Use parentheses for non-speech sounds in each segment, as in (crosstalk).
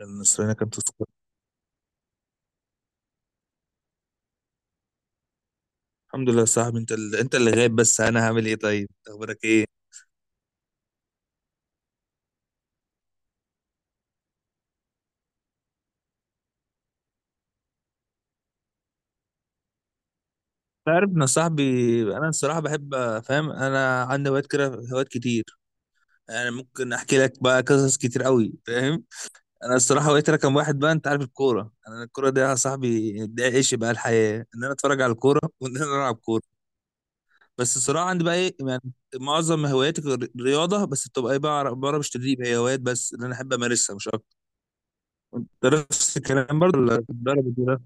النصرانية كانت تذكر. الحمد لله يا صاحبي، انت اللي غايب، بس انا هعمل ايه؟ طيب اخبارك ايه؟ انت عارف ان صاحبي انا الصراحه بحب، فاهم؟ انا عندي هوايات كده، هوايات كتير. انا ممكن احكي لك بقى قصص كتير قوي، فاهم. انا الصراحه هوايتي رقم واحد بقى، انت عارف الكوره؟ انا الكوره دي يا صاحبي ده عيش بقى الحياه، ان انا اتفرج على الكوره (laughs) وان انا العب كوره. بس الصراحه عندي بقى ايه يعني، معظم هواياتي رياضه، بس بتبقى ايه بقى، بعرف مش تدريب، هي هوايات بس اللي انا احب امارسها مش اكتر. انت نفس الكلام برضه ولا بتدرب؟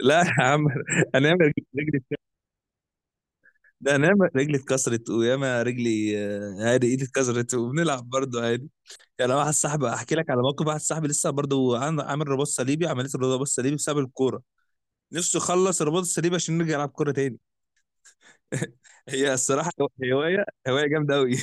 لا يا عم، انا ياما رجلي ده انا ياما رجلي اتكسرت وياما رجلي عادي، ايدي اتكسرت وبنلعب برضه عادي. يعني أنا واحد صاحبي احكي لك على موقف، واحد صاحبي لسه برضه عامل رباط صليبي، عمليه الرباط الصليبي بسبب الكوره، نفسه يخلص الرباط الصليبي عشان نرجع نلعب كوره تاني. (laughs) هي الصراحه هوايه جامده قوي. (laughs)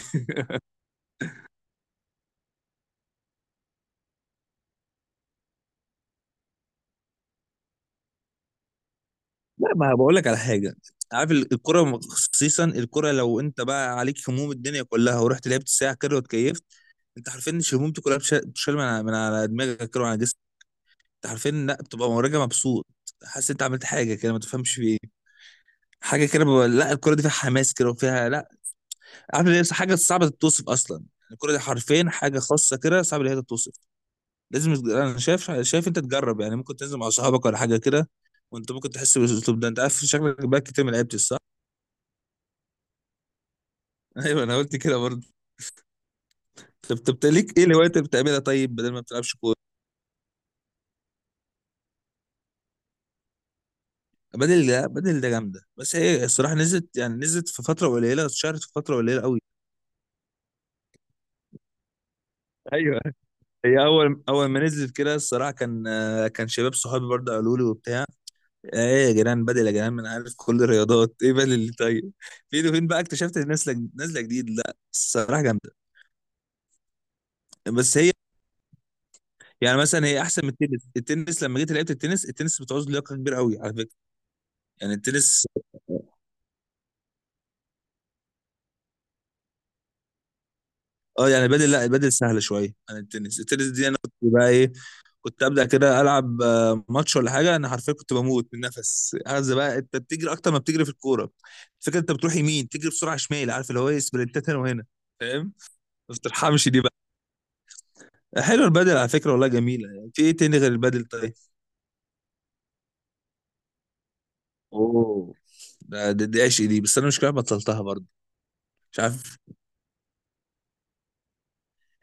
لا ما بقول لك على حاجه، عارف الكرة، خصيصا الكرة، لو انت بقى عليك هموم الدنيا كلها، ورحت لعبت ساعة كده، واتكيفت. انت حرفيا مش همومتي كلها بتشال من على من على دماغك كده وعلى جسمك. عارفين؟ لا، بتبقى مراجع مبسوط، حاسس انت عملت حاجه كده ما تفهمش في ايه. حاجه كده لا الكوره دي فيها حماس كده وفيها، لا، عارف ليه، حاجه صعبه تتوصف اصلا. يعني الكوره دي حرفين حاجه خاصه كده، صعب ان هي تتوصف. انا شايف انت تجرب، يعني ممكن تنزل مع صحابك ولا حاجه كده، وانت ممكن تحس بالاسلوب ده. انت عارف شكلك بقى كتير ما لعبتش، صح؟ (laughs) ايوه، انا قلت كده برضه. طب ليك ايه الهوايات اللي بتعملها طيب، بدل ما بتلعبش كوره؟ بدل ده، بدل ده جامده، بس هي الصراحه نزلت، يعني نزلت في فتره قليله، اتشهرت في فتره قليله قوي. ايوه، هي اول ما نزلت كده الصراحه كان، كان شباب صحابي برضه قالوا لي وبتاع، ايه يا جيران بدل؟ يا جيران، ما انا عارف كل الرياضات، ايه بدل اللي طيب؟ فين وفين بقى اكتشفت إن نازله جديد، لا الصراحه جامده. بس هي يعني مثلا هي احسن من التنس. التنس لما جيت لعبت التنس، التنس بتعوز لياقه كبيره قوي على فكره. يعني التنس، اه يعني بدل، لا بدل سهله شويه عن التنس. التنس دي انا كنت بقى ايه، كنت ابدا كده العب ماتش ولا حاجه، انا حرفيا كنت بموت من النفس، عايز بقى، انت بتجري اكتر ما بتجري في الكوره. الفكره انت بتروح يمين تجري بسرعه شمال، عارف اللي هو ايه، سبرنتات هنا وهنا، فاهم؟ ما بترحمش دي بقى. حلو البدل على فكره، والله جميله، يعني في ايه تاني غير البدل طيب؟ اوه، دي عشق دي، بس انا مش كده بطلتها برضه. مش عارف،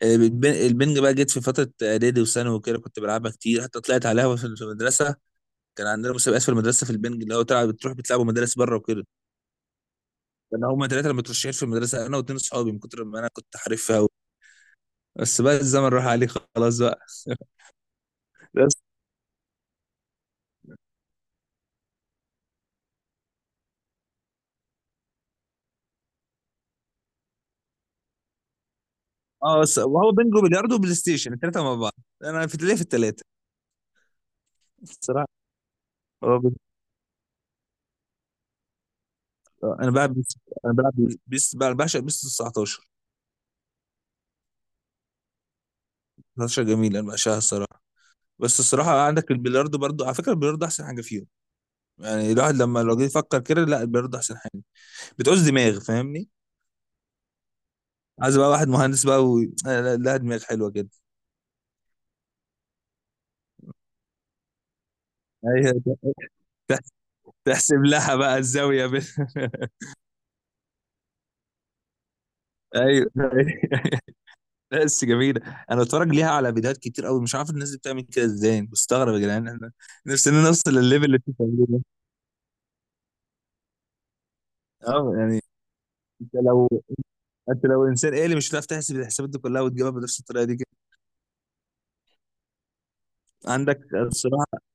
البنج بقى جيت في فتره اعدادي وثانوي وكده، كنت بلعبها كتير، حتى طلعت عليها في في المدرسه. كان عندنا مسابقات في المدرسه في البنج، اللي هو تلعب بتروح بتلعبوا مدارس بره وكده. انا هما ثلاثه اللي مترشحين في المدرسه، انا واتنين صحابي، من كتر ما انا كنت حريفها قوي. بس بقى الزمن راح عليه خلاص بقى. (laughs) بس، اه بس وهو بينجو بلياردو وبلاي ستيشن الثلاثه مع بعض. انا في ليه في الثلاثه الصراحه، هو بي- انا بلعب بيس، انا بلعب بيس بقى، بعشق بيس 19. 19 جميل، انا بعشقها الصراحه. بس الصراحه عندك البلياردو برضو على فكره، البلياردو احسن حاجه فيهم. يعني الواحد لما لو جه يفكر كده، لا البلياردو احسن حاجه، بتعوز دماغ، فاهمني؟ عايز بقى واحد مهندس بقى و... لا دماغ حلوه كده. أيوة، تحسب لها بقى الزاوية بين. (laughs) أيوه. (laughs) لا بس جميلة. أنا باتفرج ليها على فيديوهات كتير أوي، مش عارف الناس دي بتعمل كده إزاي، بستغرب يا جدعان، إحنا نفسنا نوصل للليفل اللي أنتوا بتعملوه ده. أه يعني، أنت لو أنت لو إنسان آلي مش هتعرف تحسب الحسابات دي كلها وتجيبها بنفس الطريقة دي كده. عندك الصراحة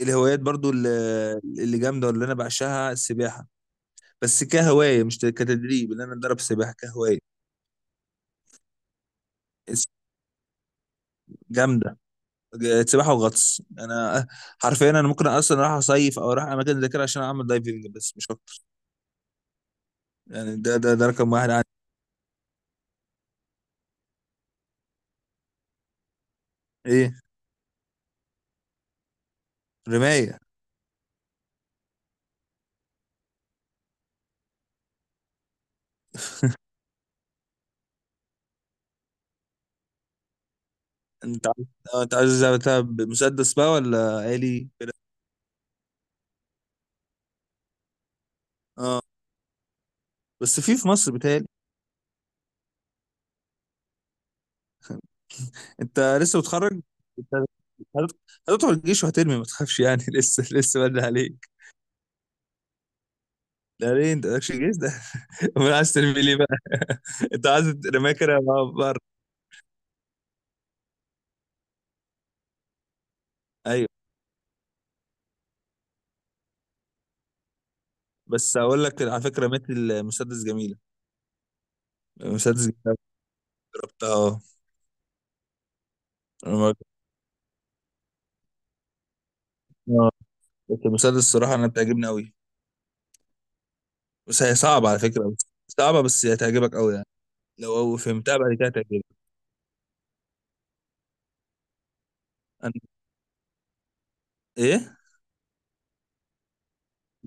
الهوايات برضو اللي جامدة، واللي أنا بعشقها السباحة، بس كهواية مش كتدريب إن أنا أتدرب سباحة كهواية. جامدة، سباحه وغطس. انا حرفيا انا ممكن اصلا اروح اصيف او اروح اماكن زي كده عشان اعمل دايفنج، بس مش اكتر. يعني ده رقم واحد عندي. ايه؟ رمايه؟ انت عايز، انت عايز زي بتاع مسدس بقى، ولا آلي كده؟ اه بس في في مصر بتهيألي. انت لسه متخرج، انت هت- هتدخل الجيش وهترمي، ما تخافش يعني. (laughs) لسه لسه بدري عليك. لا ليه انت مالكش جيش ده؟ (laughs) امال عايز ترمي ليه بقى؟ (laughs) انت عايز رمايه كده بره. ايوه، بس اقول لك على فكره، رميت المسدس جميل، مسدس جناب برضه، اه. أنا، آه، بس المسدس الصراحة أنا بتعجبني أوي، بس هي صعبة على فكرة، بس صعبة، بس هي هتعجبك أوي يعني، لو فهمتها بعد كده هتعجبك. أنا، إيه؟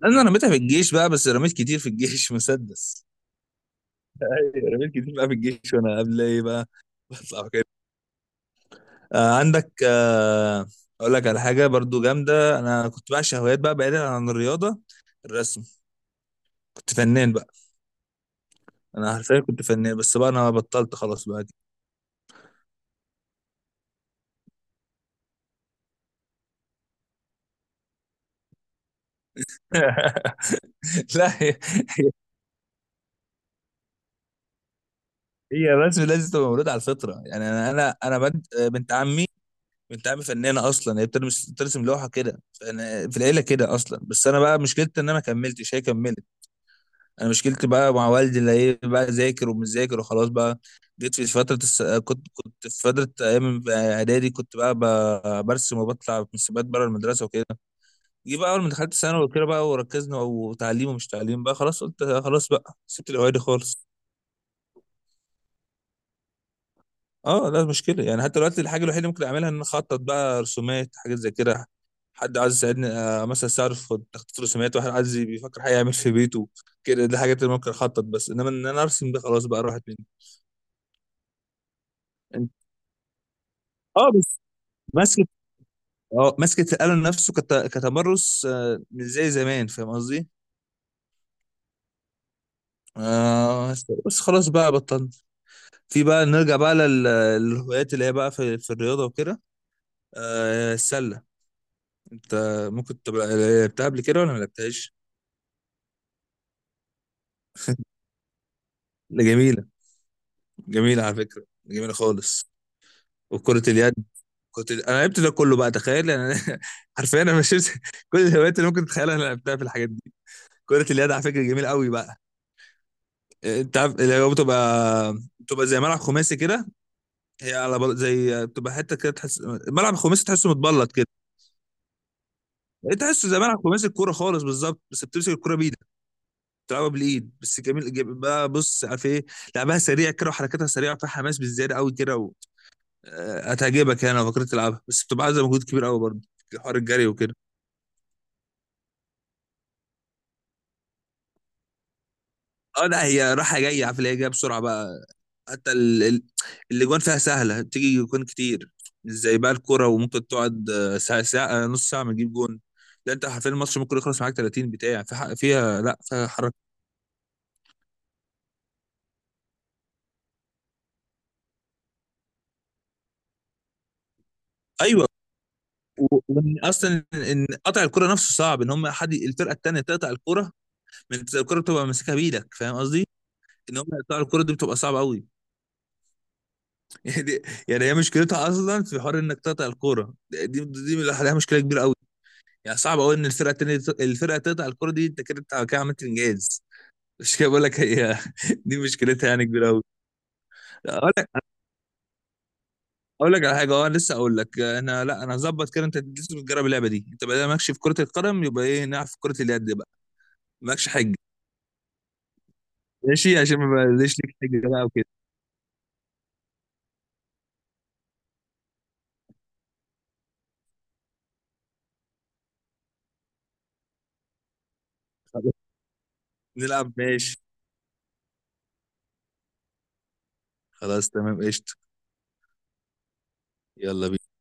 أنا رميتها في الجيش بقى، بس رميت كتير في الجيش. (laughs) مسدس. أيوة، رميت كتير بقى في الجيش، وأنا قبل إيه بقى (laughs) بطلع كده. آه عندك، آه، أقول لك على حاجة برضو جامدة، أنا كنت بعشق هوايات بقى بعيدا عن الرياضة، الرسم، كنت فنان بقى. أنا حرفيا كنت فنان، بس بقى أنا بطلت خلاص بقى. (laughs) لا هي بس لازم تبقى مولود على الفطره، يعني انا بنت عمي بنت عمي فنانه اصلا، هي بترسم، بترسم لوحه كده، فانا في العيله كده اصلا. بس انا بقى مشكلتي ان انا ما كملتش، هي كملت. انا مشكلتي بقى مع والدي، اللي ايه بقى، ذاكر ومش ذاكر، وخلاص بقى. جيت في فتره الس... كنت في فتره ايام اعدادي كنت بقى برسم وبطلع في مسابقات بره المدرسه وكده. جه بقى اول ما دخلت ثانوي وكده بقى، وركزنا، وتعليم ومش تعليم بقى، خلاص قلت خلاص بقى، سبت الاوعي دي خالص. اه لا مشكله يعني، حتى دلوقتي الحاجه الوحيده اللي ممكن اعملها ان أنا اخطط بقى رسومات، حاجات زي كده، حد عايز يساعدني مثلا استعرف في تخطيط رسومات، واحد عايز بيفكر حاجه يعمل في بيته كده، دي الحاجات اللي ممكن اخطط، بس انما ان انا ارسم ده خلاص بقى راحت مني. انت، اه بس ماسكه، اه ماسكه القلم نفسه كت... كتمرس، مش زي زمان، فاهم قصدي؟ آه بس خلاص بقى بطلنا. في بقى نرجع بقى للهوايات اللي هي بقى في الرياضه وكده. آه، السله انت ممكن تبقى لعبتها قبل كده ولا ما لعبتهاش؟ جميلة، جميلة على فكرة، جميلة خالص. وكرة اليد، كنت انا لعبت ده كله بقى، تخيل انا. (laughs) حرفيا انا مشيت، (laughs) كل الهوايات اللي ممكن تتخيلها انا لعبتها في الحاجات دي. كرة اليد على فكرة جميلة قوي بقى، انت عارف اللي هو بتبقى زي ملعب خماسي كده، هي على بل... زي بتبقى حتة كده تحس ملعب خماسي، تحسه متبلط كده. يعني تحسه زي ملعب خماسي الكورة خالص بالظبط، بس بتمسك الكورة بإيدك، بتلعبها بالإيد. بس جميل جميل بقى، بص عارف ايه، لعبها سريع كده وحركاتها سريعة، فيها حماس بالزيادة قوي كده. هتعجبك يعني لو فكرت تلعبها، بس بتبقى عايزه مجهود كبير قوي برضه، حوار الجري وكده. اه لا هي رايحه جايه، عارف اللي هي جايه بسرعه بقى، حتى الاجوان فيها سهله، بتيجي جوان كتير، مش زي بقى الكوره وممكن تقعد ساعه، ساعه نص ساعه ما تجيب جون. لا انت حرفيا الماتش ممكن يخلص معاك 30 بتاع في فيها، لا فيها حركه. ايوه، وان اصلا ان قطع الكره نفسه صعب، ان هم حد الفرقه التانيه تقطع الكره، من الكره بتبقى ماسكها بايدك، فاهم قصدي؟ ان هم يقطعوا الكره دي بتبقى صعبه قوي. يعني يعني هي مشكلتها اصلا في حوار انك تقطع الكوره دي، دي لوحدها مشكله كبيره قوي. يعني صعب قوي ان الفرقه التانيه تقطع الكوره دي، انت كده كده عملت انجاز، مش كده بقول لك هي. (laughs) دي مشكلتها يعني كبيره قوي. اقول لك اقول لك على حاجه، اه لسه اقول لك انا، لا انا هظبط كده، انت لسه بتجرب اللعبه دي، انت بقى مالكش في كره القدم، يبقى ايه، نلعب في كره اليد بقى، مالكش حاجه. ماشي، عشان ما بقاش ليك حاجه بقى وكده. خلاص، نلعب، ماشي، خلاص، تمام قشطه. يلا بينا.